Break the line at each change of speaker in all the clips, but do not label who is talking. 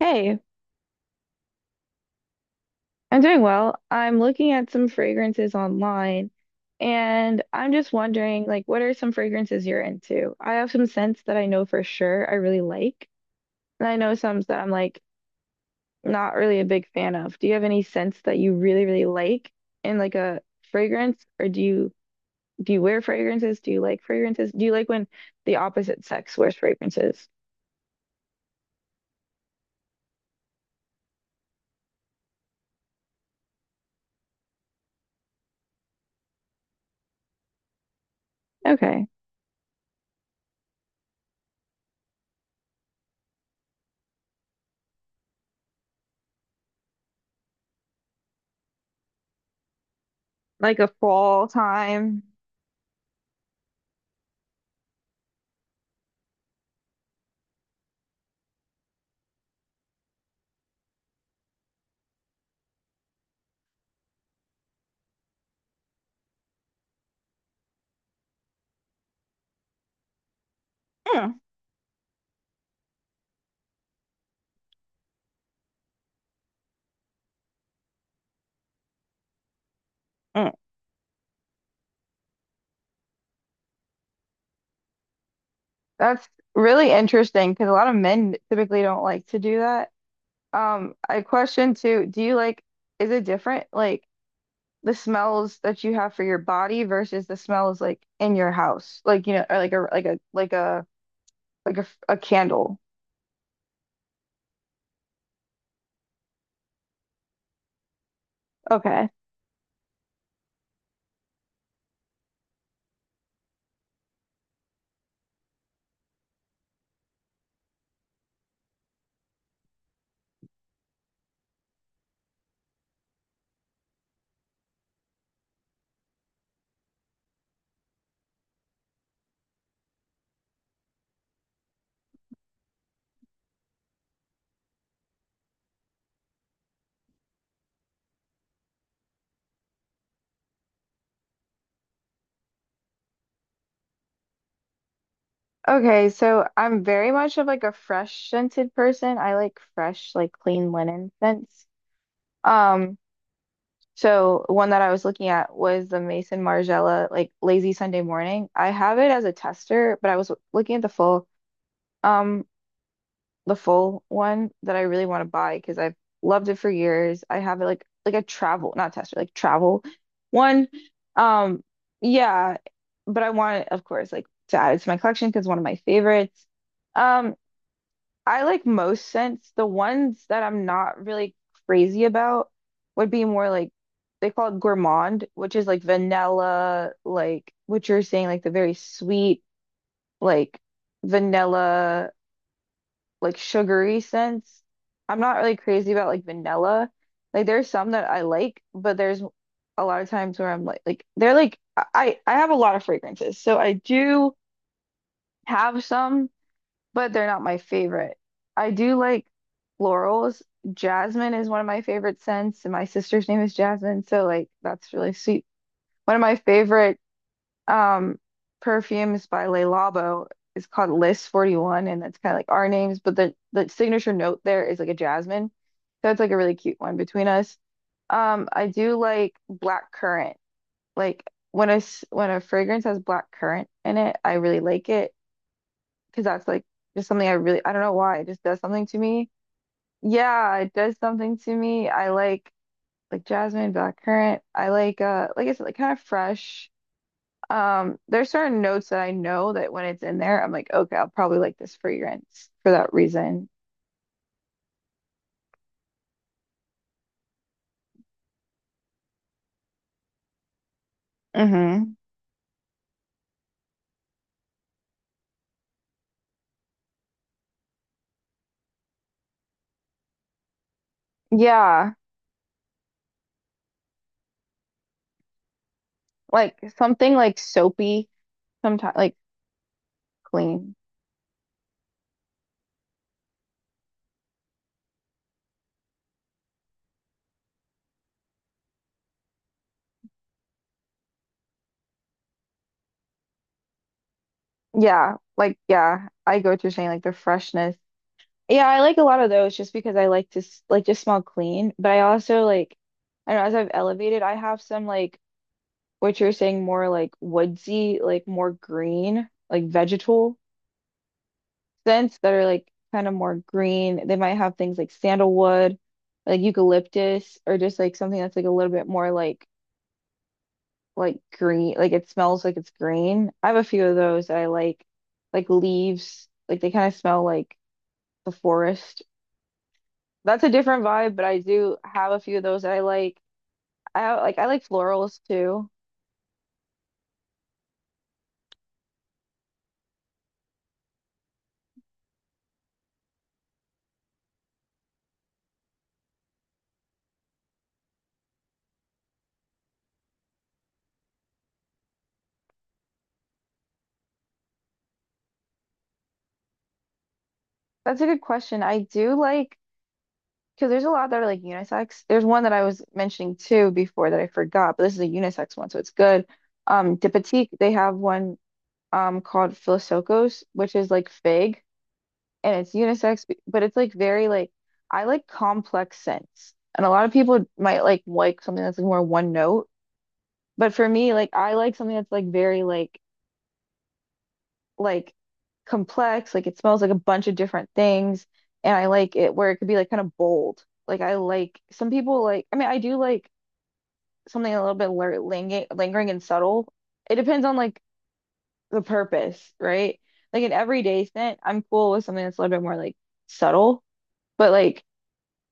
Hey, I'm doing well. I'm looking at some fragrances online and I'm just wondering, like, what are some fragrances you're into? I have some scents that I know for sure I really like, and I know some that I'm like not really a big fan of. Do you have any scents that you really really like in like a fragrance, or do you wear fragrances? Do you like fragrances? Do you like when the opposite sex wears fragrances? Okay. Like a fall time. Mm, mm. That's really interesting because a lot of men typically don't like to do that. I question too, do you like, is it different, like the smells that you have for your body versus the smells like in your house, like you know, or like a a candle. Okay. Okay, so I'm very much of like a fresh scented person. I like fresh, like clean linen scents. Um, So one that I was looking at was the Mason Margiela like Lazy Sunday Morning. I have it as a tester, but I was looking at um the full one that I really want to buy because I've loved it for years. I have it like a travel, not tester, like travel one. Um yeah, but I want it, of course, like to add it to my collection because it's one of my favorites. Um I like most scents. The ones that I'm not really crazy about would be more like they call it gourmand, which is like vanilla, like what you're saying, like the very sweet, like vanilla, like sugary scents. I'm not really crazy about like vanilla. Like there's some that I like, but there's a lot of times where I'm like they're like I have a lot of fragrances. So I do have some, but they're not my favorite. I do like florals. Jasmine is one of my favorite scents, and my sister's name is Jasmine, so like that's really sweet. One of my favorite um perfumes by Le Labo is called List 41, and that's kind of like our names, but the signature note there is like a jasmine. So it's like a really cute one between us. I do like black currant. Like when a fragrance has black currant in it, I really like it. Cause that's like just something I really, I don't know why, it just does something to me. Yeah, it does something to me. I like jasmine, blackcurrant. I like I said, like kind of fresh. There's certain notes that I know that when it's in there, I'm like, okay, I'll probably like this fragrance for that reason. Mm-hmm. Yeah, like something like soapy, sometimes like clean. Yeah, like yeah, I go to saying like the freshness. Yeah, I like a lot of those just because I like to like just smell clean, but I also like I don't know, as I've elevated, I have some like what you're saying, more like woodsy, like more green, like vegetal scents that are like kind of more green. They might have things like sandalwood, like eucalyptus, or just like something that's like a little bit more like green, like it smells like it's green. I have a few of those that I like leaves, like they kind of smell like the forest. That's a different vibe, but I do have a few of those that I like. I like I like florals too. That's a good question. I do like because there's a lot that are like unisex. There's one that I was mentioning too before that I forgot, but this is a unisex one, so it's good. De Petite, they have one called Philosokos, which is like fig and it's unisex, but it's like very like I like complex scents. And a lot of people might like something that's like more one note, but for me, like I like something that's like very like complex, like it smells like a bunch of different things, and I like it where it could be like kind of bold. Like I like some people like I mean I do like something a little bit lingering and subtle. It depends on like the purpose, right? Like an everyday scent, I'm cool with something that's a little bit more like subtle, but like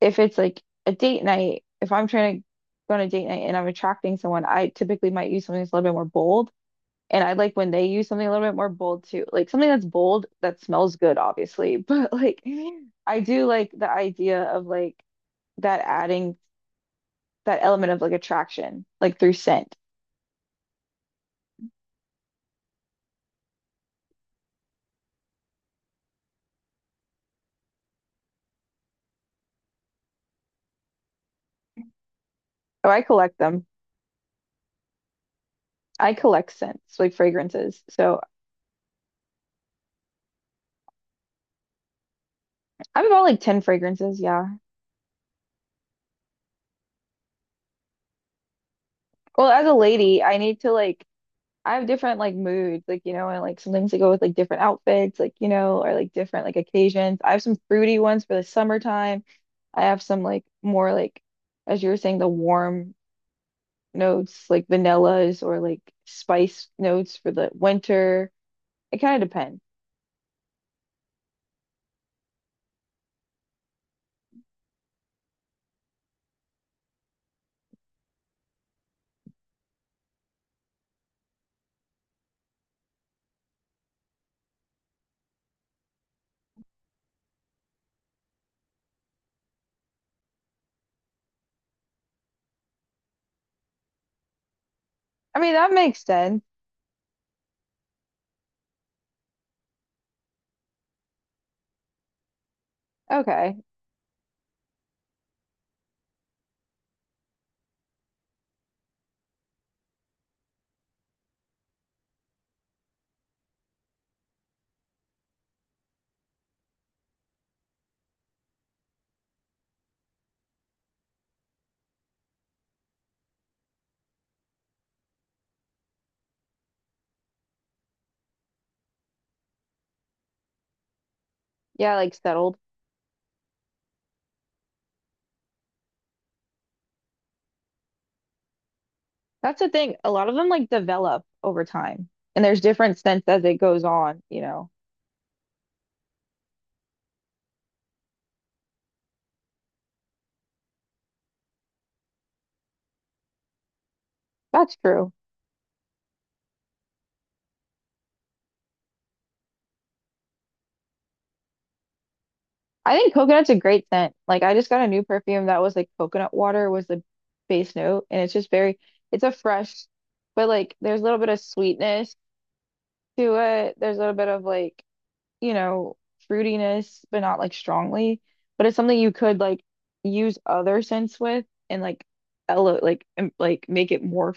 if it's like a date night, if I'm trying to go on a date night and I'm attracting someone, I typically might use something that's a little bit more bold, and I like when they use something a little bit more bold too, like something that's bold that smells good, obviously. But like, I do like the idea of like that adding that element of like attraction, like through scent. Oh, I collect them. I collect scents, like fragrances. So I have about like 10 fragrances. Yeah. Well, as a lady, I need to like I have different like moods, like you know, and like sometimes I go with like different outfits, like you know, or like different like occasions. I have some fruity ones for the summertime. I have some like more like as you were saying, the warm notes like vanillas or like spice notes for the winter. It kind of depends. I mean, that makes sense. Okay. Yeah, like settled. That's the thing. A lot of them like develop over time, and there's different scents as it goes on, you know. That's true. I think coconut's a great scent. Like I just got a new perfume that was like coconut water was the base note and it's just very it's a fresh but like there's a little bit of sweetness to it. There's a little bit of like, you know, fruitiness, but not like strongly. But it's something you could like use other scents with and like like make it more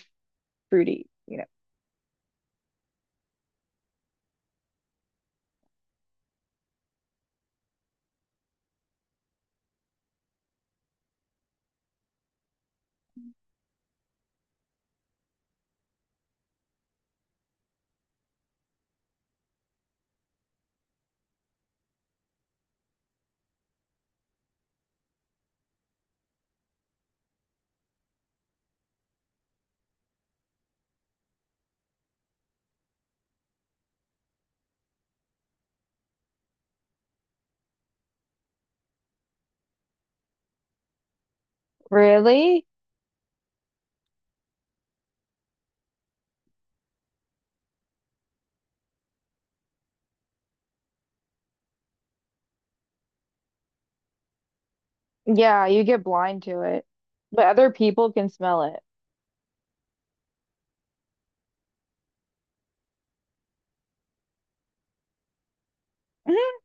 fruity, you know. Really? Yeah, you get blind to it. But other people can smell it. Mhm.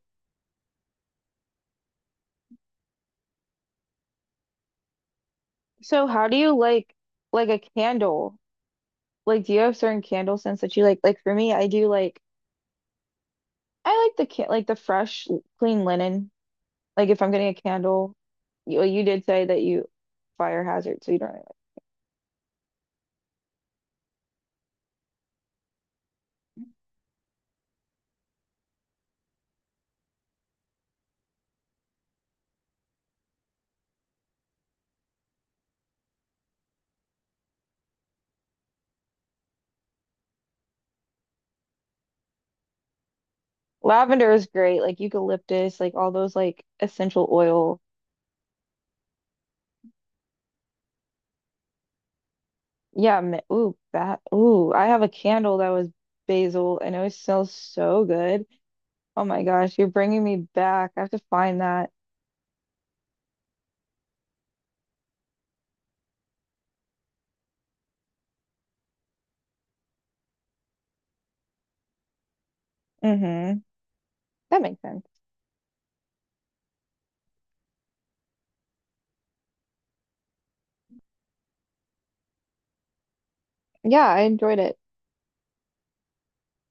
So how do you like a candle? Like, do you have certain candle scents that you like? Like for me, I do like I like the can like the fresh, clean linen. Like if I'm getting a candle, you like, you did say that you fire hazard, so you don't really like. Lavender is great. Like eucalyptus, like all those like essential oil. Yeah. Ooh, that. Ooh, I have a candle that was basil, and it smells so good. Oh my gosh, you're bringing me back. I have to find that. Mm-hmm. That makes sense. Yeah, I enjoyed it.